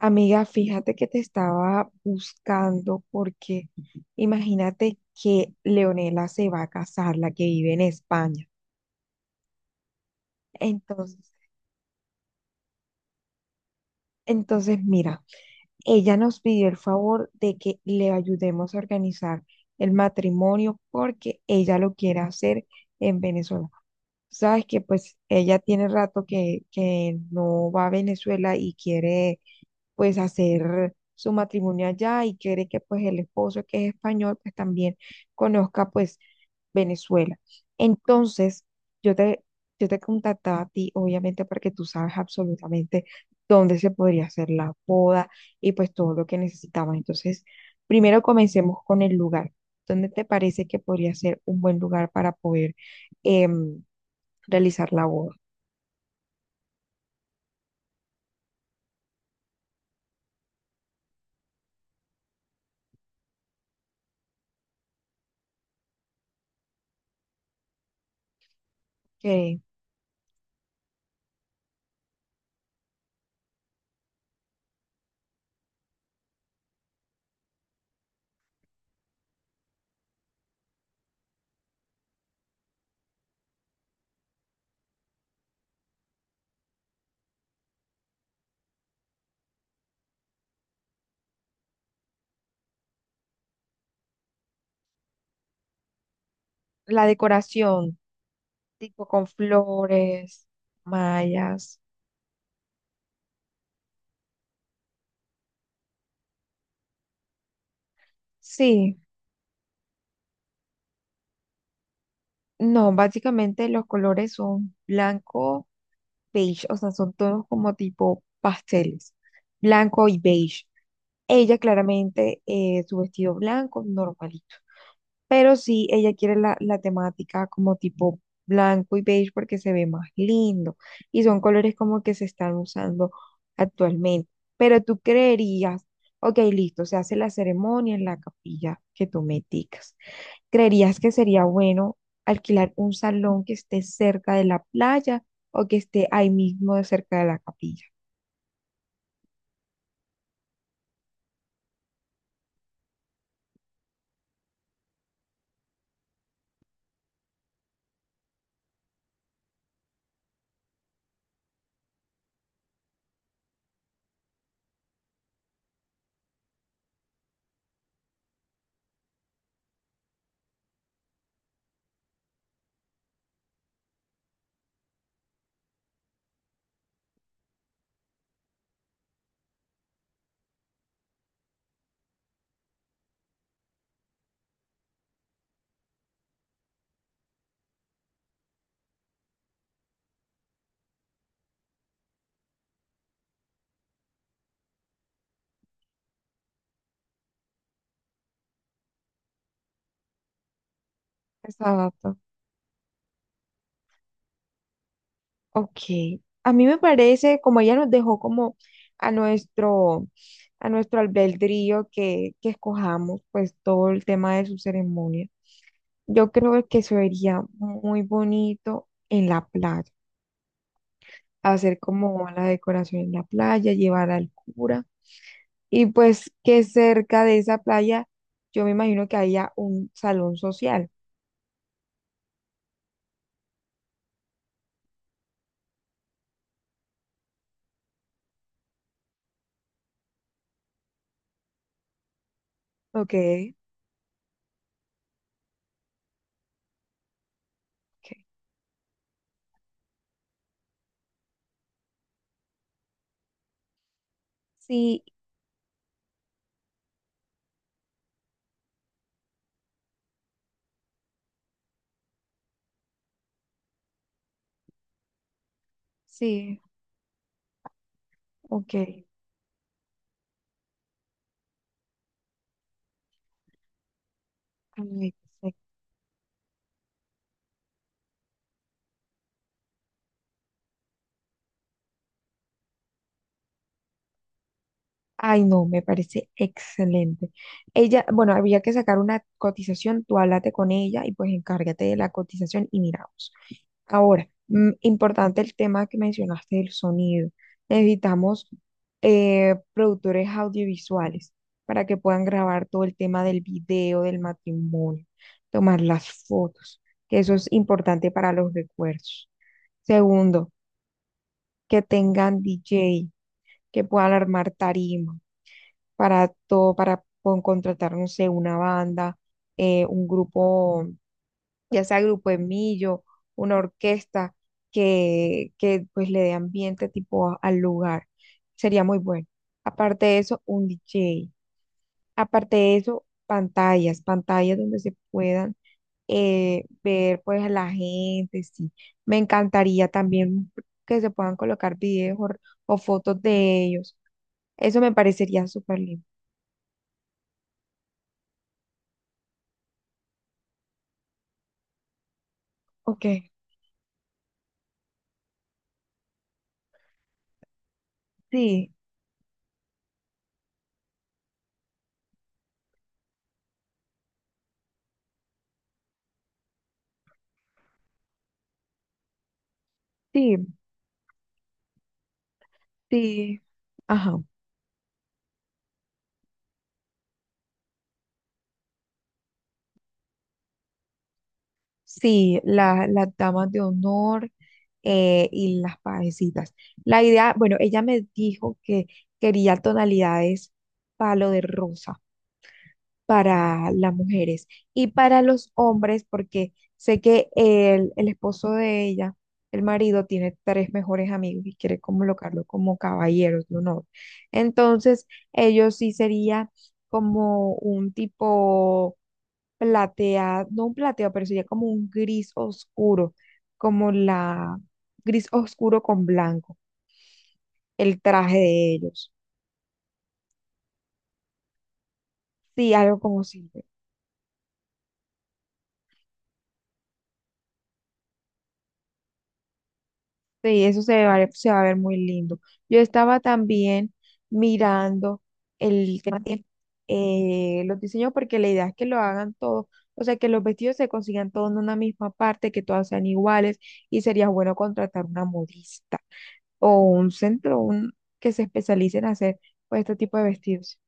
Amiga, fíjate que te estaba buscando porque imagínate que Leonela se va a casar, la que vive en España. Entonces, entonces, mira, ella nos pidió el favor de que le ayudemos a organizar el matrimonio porque ella lo quiere hacer en Venezuela. Sabes que pues ella tiene rato que no va a Venezuela y quiere pues hacer su matrimonio allá y quiere que pues el esposo que es español pues también conozca pues Venezuela. Entonces, yo te, yo te contactaba a ti obviamente porque tú sabes absolutamente dónde se podría hacer la boda y pues todo lo que necesitamos. Entonces, primero comencemos con el lugar. ¿Dónde te parece que podría ser un buen lugar para poder em, realizar la boda? Que la decoración, tipo con flores, mallas. Sí, no, básicamente los colores son blanco, beige, o sea, son tonos como tipo pasteles, blanco y beige. Ella claramente, su vestido blanco, normalito. Pero sí, ella quiere la temática como tipo blanco y beige porque se ve más lindo y son colores como que se están usando actualmente. Pero tú creerías, ok, listo, se hace la ceremonia en la capilla que tú me indicas. ¿Creerías que sería bueno alquilar un salón que esté cerca de la playa o que esté ahí mismo de cerca de la capilla? Exacto. Ok, a mí me parece, como ella nos dejó como a nuestro, a nuestro albedrío que escojamos, pues todo el tema de su ceremonia, yo creo que se vería muy bonito en la playa, hacer como la decoración en la playa, llevar al cura, y pues que cerca de esa playa, yo me imagino que haya un salón social. Ok, ok. Sí, sí, ok. Ay, ay, no, me parece excelente. Ella, bueno, había que sacar una cotización, tú háblate con ella y pues encárgate de la cotización y miramos. Ahora, importante el tema que mencionaste del sonido. Necesitamos productores audiovisuales para que puedan grabar todo el tema del video, del matrimonio, tomar las fotos, que eso es importante para los recuerdos. Segundo, que tengan DJ, que puedan armar tarima para todo, para contratar, no sé, una banda, un grupo, ya sea grupo de millo, una orquesta que pues le dé ambiente tipo al lugar. Sería muy bueno. Aparte de eso, un DJ. Aparte de eso, pantallas, pantallas donde se puedan ver pues a la gente, sí. Me encantaría también que se puedan colocar videos o fotos de ellos. Eso me parecería súper lindo. Ok. Sí, sí, sí, ajá, sí, las damas de honor y las pajecitas. La idea, bueno, ella me dijo que quería tonalidades palo de rosa, para las mujeres y para los hombres, porque sé que el esposo de ella, el marido, tiene tres mejores amigos y quiere colocarlo como caballeros de honor. Entonces, ellos sí sería como un tipo plateado, no un plateado, pero sería como un gris oscuro, como la gris oscuro con blanco, el traje de ellos. Sí, algo como si. Sí, eso se va, se va a ver muy lindo. Yo estaba también mirando el tema de los diseños porque la idea es que lo hagan todos, o sea, que los vestidos se consigan todos en una misma parte, que todas sean iguales y sería bueno contratar una modista o un centro un, que se especialice en hacer pues, este tipo de vestidos.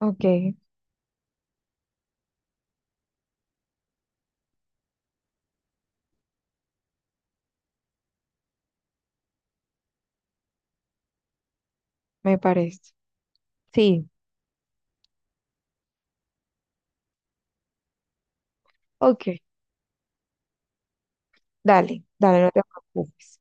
Ok, me parece. Sí, ok, dale, dale, no te preocupes.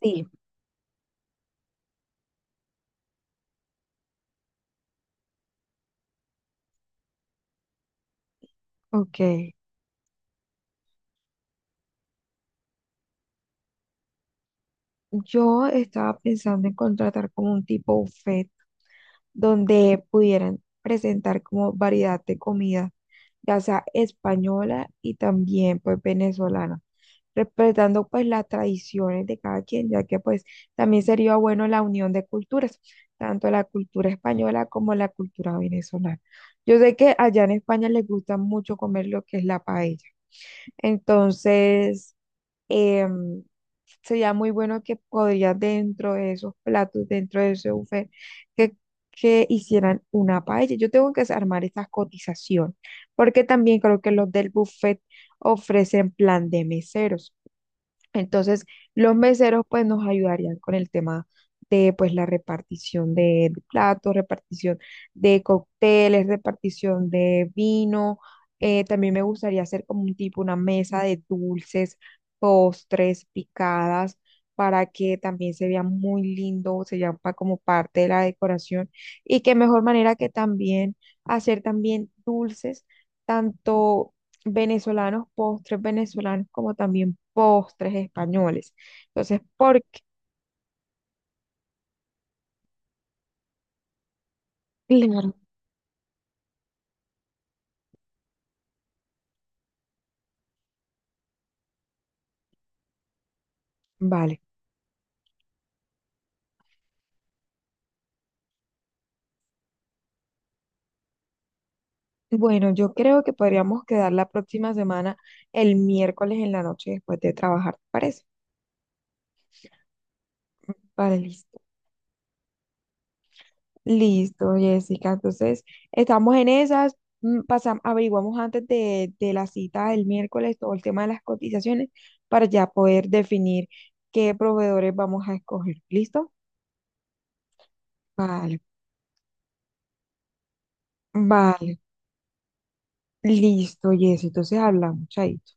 Sí, ok. Yo estaba pensando en contratar como un tipo buffet donde pudieran presentar como variedad de comida, ya sea española y también pues venezolana, respetando pues las tradiciones de cada quien, ya que pues también sería bueno la unión de culturas, tanto la cultura española como la cultura venezolana. Yo sé que allá en España les gusta mucho comer lo que es la paella, entonces em, sería muy bueno que podrías dentro de esos platos, dentro de ese buffet, que, que hicieran una paella. Yo tengo que armar esa cotización, porque también creo que los del buffet ofrecen plan de meseros. Entonces, los meseros pues nos ayudarían con el tema de pues la repartición de platos, repartición de cócteles, repartición de vino. También me gustaría hacer como un tipo, una mesa de dulces, postres, picadas, para que también se vea muy lindo, se vea como parte de la decoración. Y qué mejor manera que también hacer también dulces, tanto venezolanos, postres venezolanos, como también postres españoles. Entonces, ¿por qué? Claro. Vale. Bueno, yo creo que podríamos quedar la próxima semana el miércoles en la noche después de trabajar, ¿te parece? Vale, listo. Listo, Jessica. Entonces, estamos en esas. Pasamos, averiguamos antes de la cita del miércoles todo el tema de las cotizaciones para ya poder definir qué proveedores vamos a escoger. ¿Listo? Vale, vale. Listo, Jessy, entonces hablamos, chaito.